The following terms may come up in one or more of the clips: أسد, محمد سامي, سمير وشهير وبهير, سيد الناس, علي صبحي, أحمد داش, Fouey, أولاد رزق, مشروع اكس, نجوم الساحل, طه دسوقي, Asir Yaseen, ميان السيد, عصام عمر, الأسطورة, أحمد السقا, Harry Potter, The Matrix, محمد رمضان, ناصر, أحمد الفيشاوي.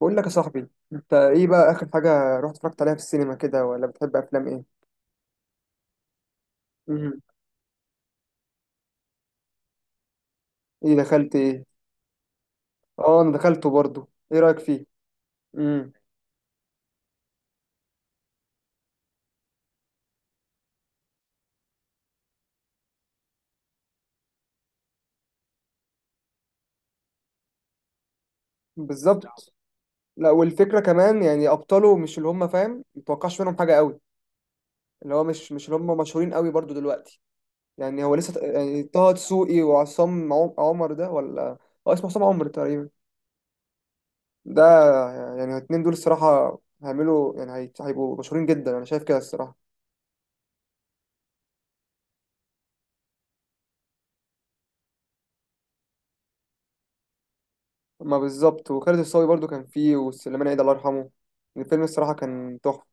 بقول لك يا صاحبي، انت ايه بقى اخر حاجه رحت اتفرجت عليها في السينما كده، ولا بتحب افلام ايه؟ امم ايه دخلت ايه؟ اه انا دخلته برضو، ايه رايك فيه؟ امم بالظبط. لا والفكره كمان يعني ابطاله مش اللي هم، فاهم؟ متوقعش منهم حاجه قوي. اللي هو مش اللي هم مشهورين قوي برضو دلوقتي. يعني هو لسه يعني طه دسوقي وعصام عمر ده ولا، اه اسمه عصام عمر تقريبا ده. يعني الاتنين دول الصراحه هيعملوا يعني هيبقوا مشهورين جدا، انا شايف كده الصراحه. ما بالظبط، وخالد الصاوي برضو كان فيه، وسليمان عيد الله يرحمه. الفيلم الصراحة كان تحفة.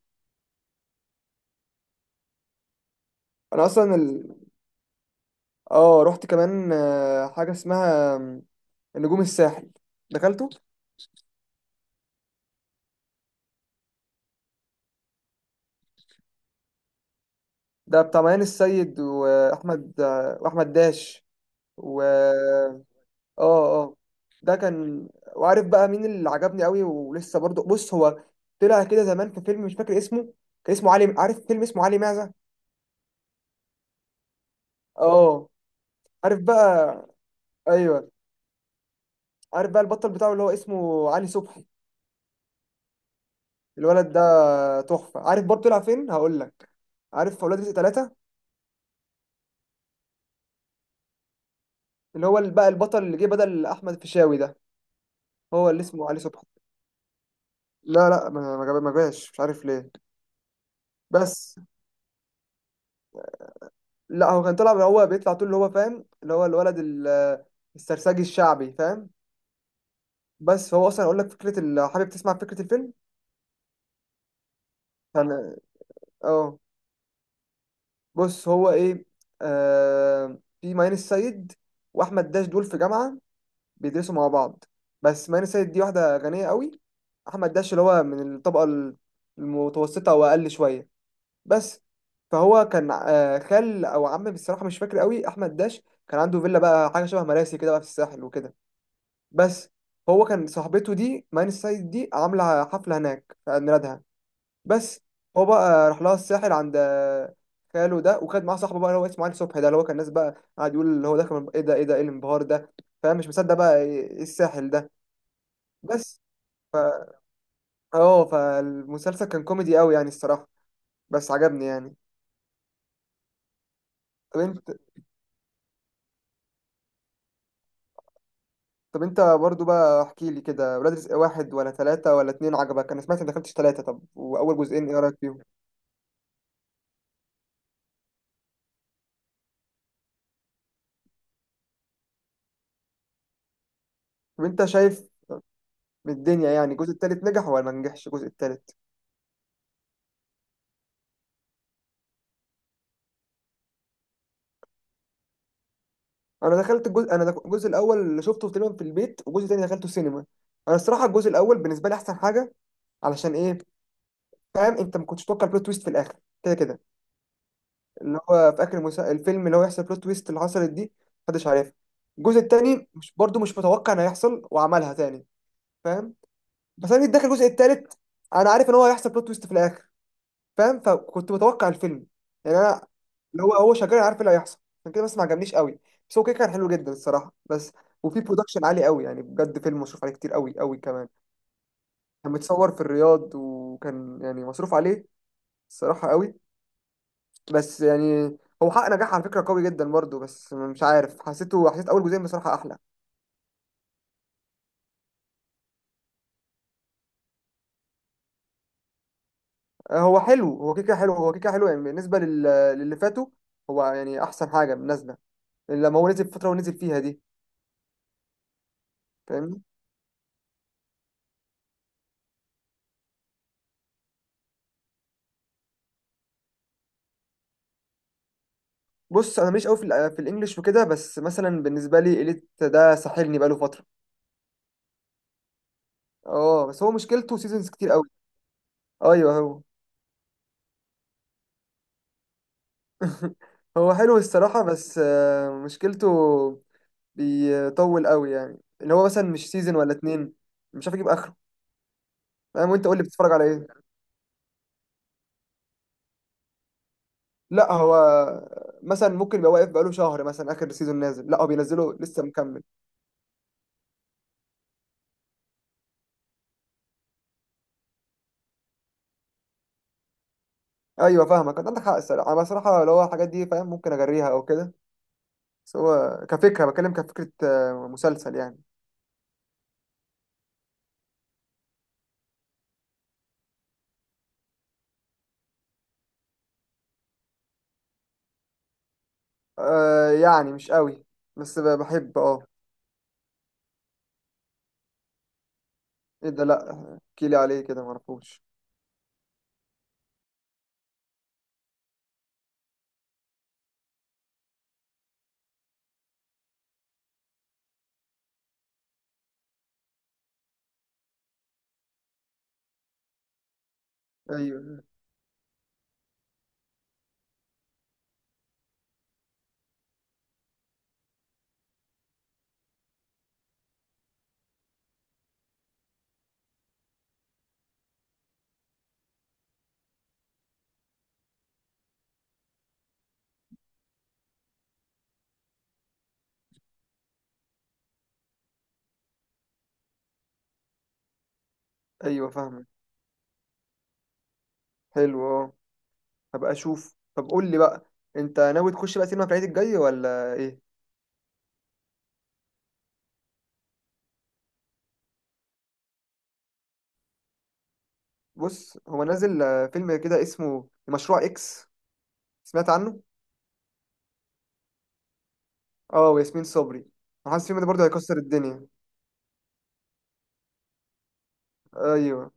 أنا أصلا آه رحت كمان حاجة اسمها نجوم الساحل، دخلته. ده بتاع ميان السيد وأحمد وأحمد داش. و آه آه، ده كان. وعارف بقى مين اللي عجبني قوي ولسه برضو؟ بص، هو طلع كده زمان في فيلم مش فاكر اسمه، كان اسمه علي، عارف فيلم اسمه علي معزة؟ آه. عارف بقى؟ أيوه، عارف بقى البطل بتاعه اللي هو اسمه علي صبحي، الولد ده تحفه. عارف برضه طلع فين؟ هقول لك. عارف اولاد رزق ثلاثة؟ اللي هو بقى البطل اللي جه بدل احمد الفيشاوي ده، هو اللي اسمه علي صبحي. لا ما ما جاش مش عارف ليه. بس، لا هو كان طلع، هو بيطلع طول اللي هو، فاهم؟ اللي هو الولد السرسجي الشعبي، فاهم؟ بس هو اصلا اقول لك فكره لو حابب تسمع فكره الفيلم كان. اه، بص هو ايه، آه في ماين السيد واحمد داش، دول في جامعه بيدرسوا مع بعض. بس ماني سيد دي واحدة غنية قوي، أحمد داش اللي هو من الطبقة المتوسطة أو أقل شوية. بس فهو كان خال أو عم بصراحة مش فاكر قوي، أحمد داش كان عنده فيلا بقى، حاجة شبه مراسي كده بقى في الساحل وكده. بس هو كان صاحبته دي ماني سيد دي عاملة حفلة هناك في عيد ميلادها. بس هو بقى راح لها الساحل عند خاله ده، وخد معاه صاحبه بقى اللي هو اسمه علي صبحي ده، اللي هو كان الناس بقى قاعد يقول اللي هو ده، كان ايه ده، ايه ده، ايه الانبهار ده، فاهم؟ مش مصدق بقى ايه الساحل ده. بس ف اه، فالمسلسل كان كوميدي قوي يعني الصراحة، بس عجبني يعني. طب انت، طب انت برضو بقى احكي لي كده، ولاد رزق واحد ولا ثلاثة ولا اتنين عجبك؟ انا سمعت انك دخلتش ثلاثة، طب واول جزئين ايه رأيك فيهم؟ طب انت شايف من الدنيا يعني الجزء التالت نجح ولا ما نجحش الجزء التالت؟ انا دخلت الجزء، انا الجزء الاول اللي شفته تقريبا في البيت، والجزء التاني دخلته سينما. انا الصراحة الجزء الاول بالنسبة لي احسن حاجة. علشان ايه؟ فاهم؟ انت ما كنتش تتوقع البلوت تويست في الاخر كده كده. اللي هو في اخر الفيلم اللي هو يحصل بلوت تويست اللي حصلت دي، محدش عارفها. الجزء التاني مش برضه، مش متوقع ان هيحصل وعملها تاني، فاهم؟ بس انا جيت داخل الجزء التالت انا عارف ان هو هيحصل بلوت تويست في الاخر، فاهم؟ فكنت متوقع الفيلم. يعني انا اللي هو، هو شغال عارف إيه اللي هيحصل، عشان كده بس ما عجبنيش قوي. بس هو كده كان حلو جدا الصراحه، بس وفي برودكشن عالي قوي يعني، بجد فيلم مصروف عليه كتير قوي قوي كمان. كان متصور في الرياض، وكان يعني مصروف عليه الصراحه قوي. بس يعني هو حقق نجاح على فكرة قوي جدا برضه، بس مش عارف، حسيته، حسيت أول جزئين بصراحة أحلى. هو حلو، هو كيكة، حلو هو كيكة حلو يعني بالنسبة للي فاتوا. هو يعني أحسن حاجة نازلة لما هو نزل في الفترة ونزل فيها دي، فاهمني؟ بص أنا ماليش قوي في، في الإنجليش وكده، بس مثلا بالنسبة لي إليت ده ساحلني بقاله فترة. أه، بس هو مشكلته سيزونز كتير قوي. أيوه هو. هو حلو الصراحة، بس مشكلته بيطول قوي يعني، اللي هو مثلا مش سيزون ولا اتنين، مش عارف يجيب آخره. فاهم؟ وانت قول لي بتتفرج على ايه؟ لا هو مثلا ممكن يبقى واقف بقاله شهر مثلا، اخر سيزون نازل؟ لا هو بينزله لسه مكمل. ايوه فاهمك، انت عندك حق الصراحه. انا بصراحه لو الحاجات دي، فاهم؟ ممكن اجريها او كده، بس هو كفكره، بتكلم كفكره مسلسل يعني. آه يعني مش قوي، بس بحب اه. ايه ده؟ لا احكي لي عليه كده، معرفوش. ايوه ايوه فاهمك، حلو اه، هبقى اشوف. طب قول لي بقى، انت ناوي تخش بقى سينما في العيد الجاي ولا ايه؟ بص هو نازل فيلم كده اسمه مشروع اكس، سمعت عنه؟ اه، وياسمين صبري. حاسس فيلم ده برضه هيكسر الدنيا. ايوه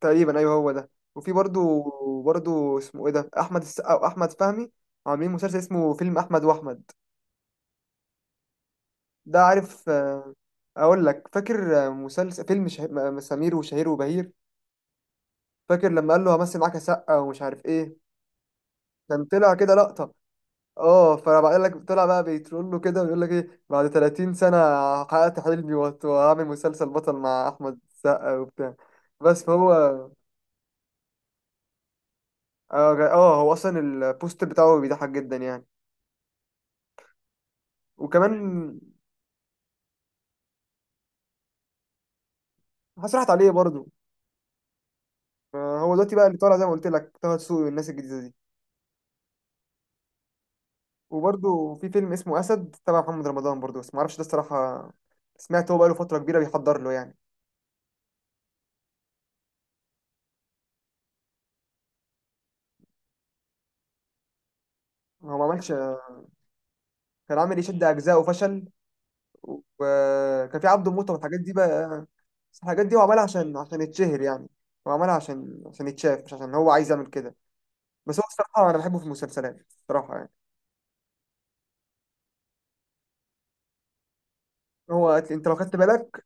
تقريبا، ايوه هو ده. وفي برضه، برضه اسمه ايه ده، احمد السقا واحمد فهمي عاملين مسلسل اسمه فيلم احمد واحمد. ده عارف اقول لك، فاكر مسلسل فيلم سمير وشهير وبهير؟ فاكر لما قال له همثل معاك يا سقا ومش عارف ايه؟ كان طلع كده لقطة. اه، فبقول لك طلع بقى بيترول له كده ويقول لك ايه، بعد 30 سنة حققت حلمي، وهعمل مسلسل بطل مع احمد السقا وبتاع. بس فهو هو اصلا البوستر بتاعه بيضحك جدا يعني. وكمان حاسس راحت عليه برضه. هو دلوقتي بقى اللي طالع زي ما قلت لك طه دسوقي والناس الجديده دي. وبرضه في فيلم اسمه اسد تبع محمد رمضان برضه، بس ما اعرفش ده الصراحه. سمعت هو بقاله فتره كبيره بيحضر له يعني. هو ما عملش، كان عامل يشد اجزاء وفشل، وكان في عبده موته والحاجات دي بقى. بس الحاجات دي هو عملها عشان عشان يتشهر يعني، هو عملها عشان عشان يتشاف، مش عشان هو عايز يعمل كده. بس هو الصراحه انا بحبه في المسلسلات الصراحه يعني. هو انت لو خدت بالك،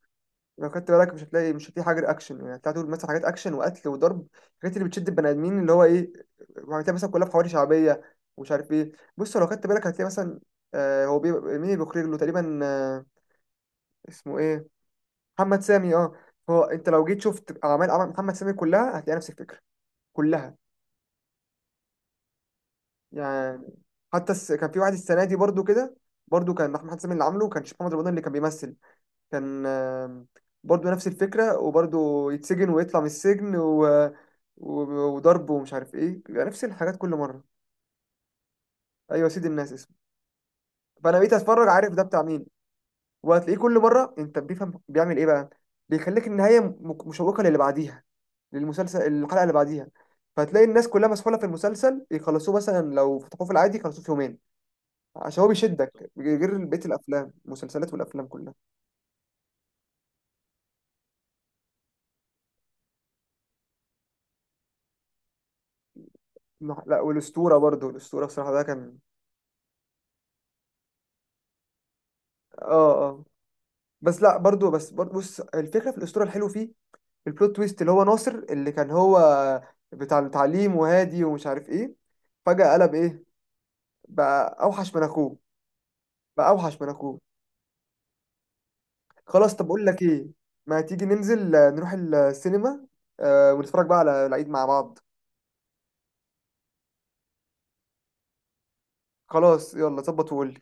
لو خدت بالك مش هتلاقي، مش هتلاقي حاجه اكشن يعني، هتلاقي طول مثلا حاجات اكشن وقتل وضرب، الحاجات اللي بتشد البني ادمين اللي هو ايه. هتلاقي مثلا كلها في حواري شعبيه ومش عارف ايه. بص لو خدت بالك هتلاقي مثلا، آه هو بيبقى مين اللي بيخرج له تقريبا، آه اسمه ايه، محمد سامي؟ اه. هو انت لو جيت شفت اعمال محمد سامي كلها هتلاقي نفس الفكره، كلها. يعني حتى كان في واحد السنه دي برضو كده، برضو كان محمد سامي اللي عامله، كان محمد رمضان اللي كان بيمثل، كان برضو نفس الفكرة، وبرضو يتسجن ويطلع من السجن و... وضرب ومش عارف ايه، بيبقى نفس الحاجات كل مرة. ايوه، سيد الناس اسمه. فانا بقيت اتفرج، عارف ده بتاع مين. وهتلاقيه كل مرة انت، بيفهم بيعمل ايه بقى، بيخليك النهاية مشوقة للي بعديها، للمسلسل الحلقة اللي بعديها. فهتلاقي الناس كلها مسحولة في المسلسل يخلصوه، مثلا لو فتحوه في العادي يخلصوه في يومين. عشان هو بيشدك غير بقية الأفلام، المسلسلات والأفلام كلها. لا والأسطورة برضو، الأسطورة بصراحة ده كان، اه اه. بس لا برضو، بس برضو بص، الفكره في الاسطوره الحلو فيه البلوت تويست اللي هو ناصر اللي كان هو بتاع التعليم وهادي ومش عارف ايه، فجاه قلب ايه، بقى اوحش من اخوه، بقى اوحش من اخوه. خلاص طب، اقول لك ايه، ما تيجي ننزل نروح السينما ونتفرج بقى على العيد مع بعض. خلاص يلا ظبط وقول.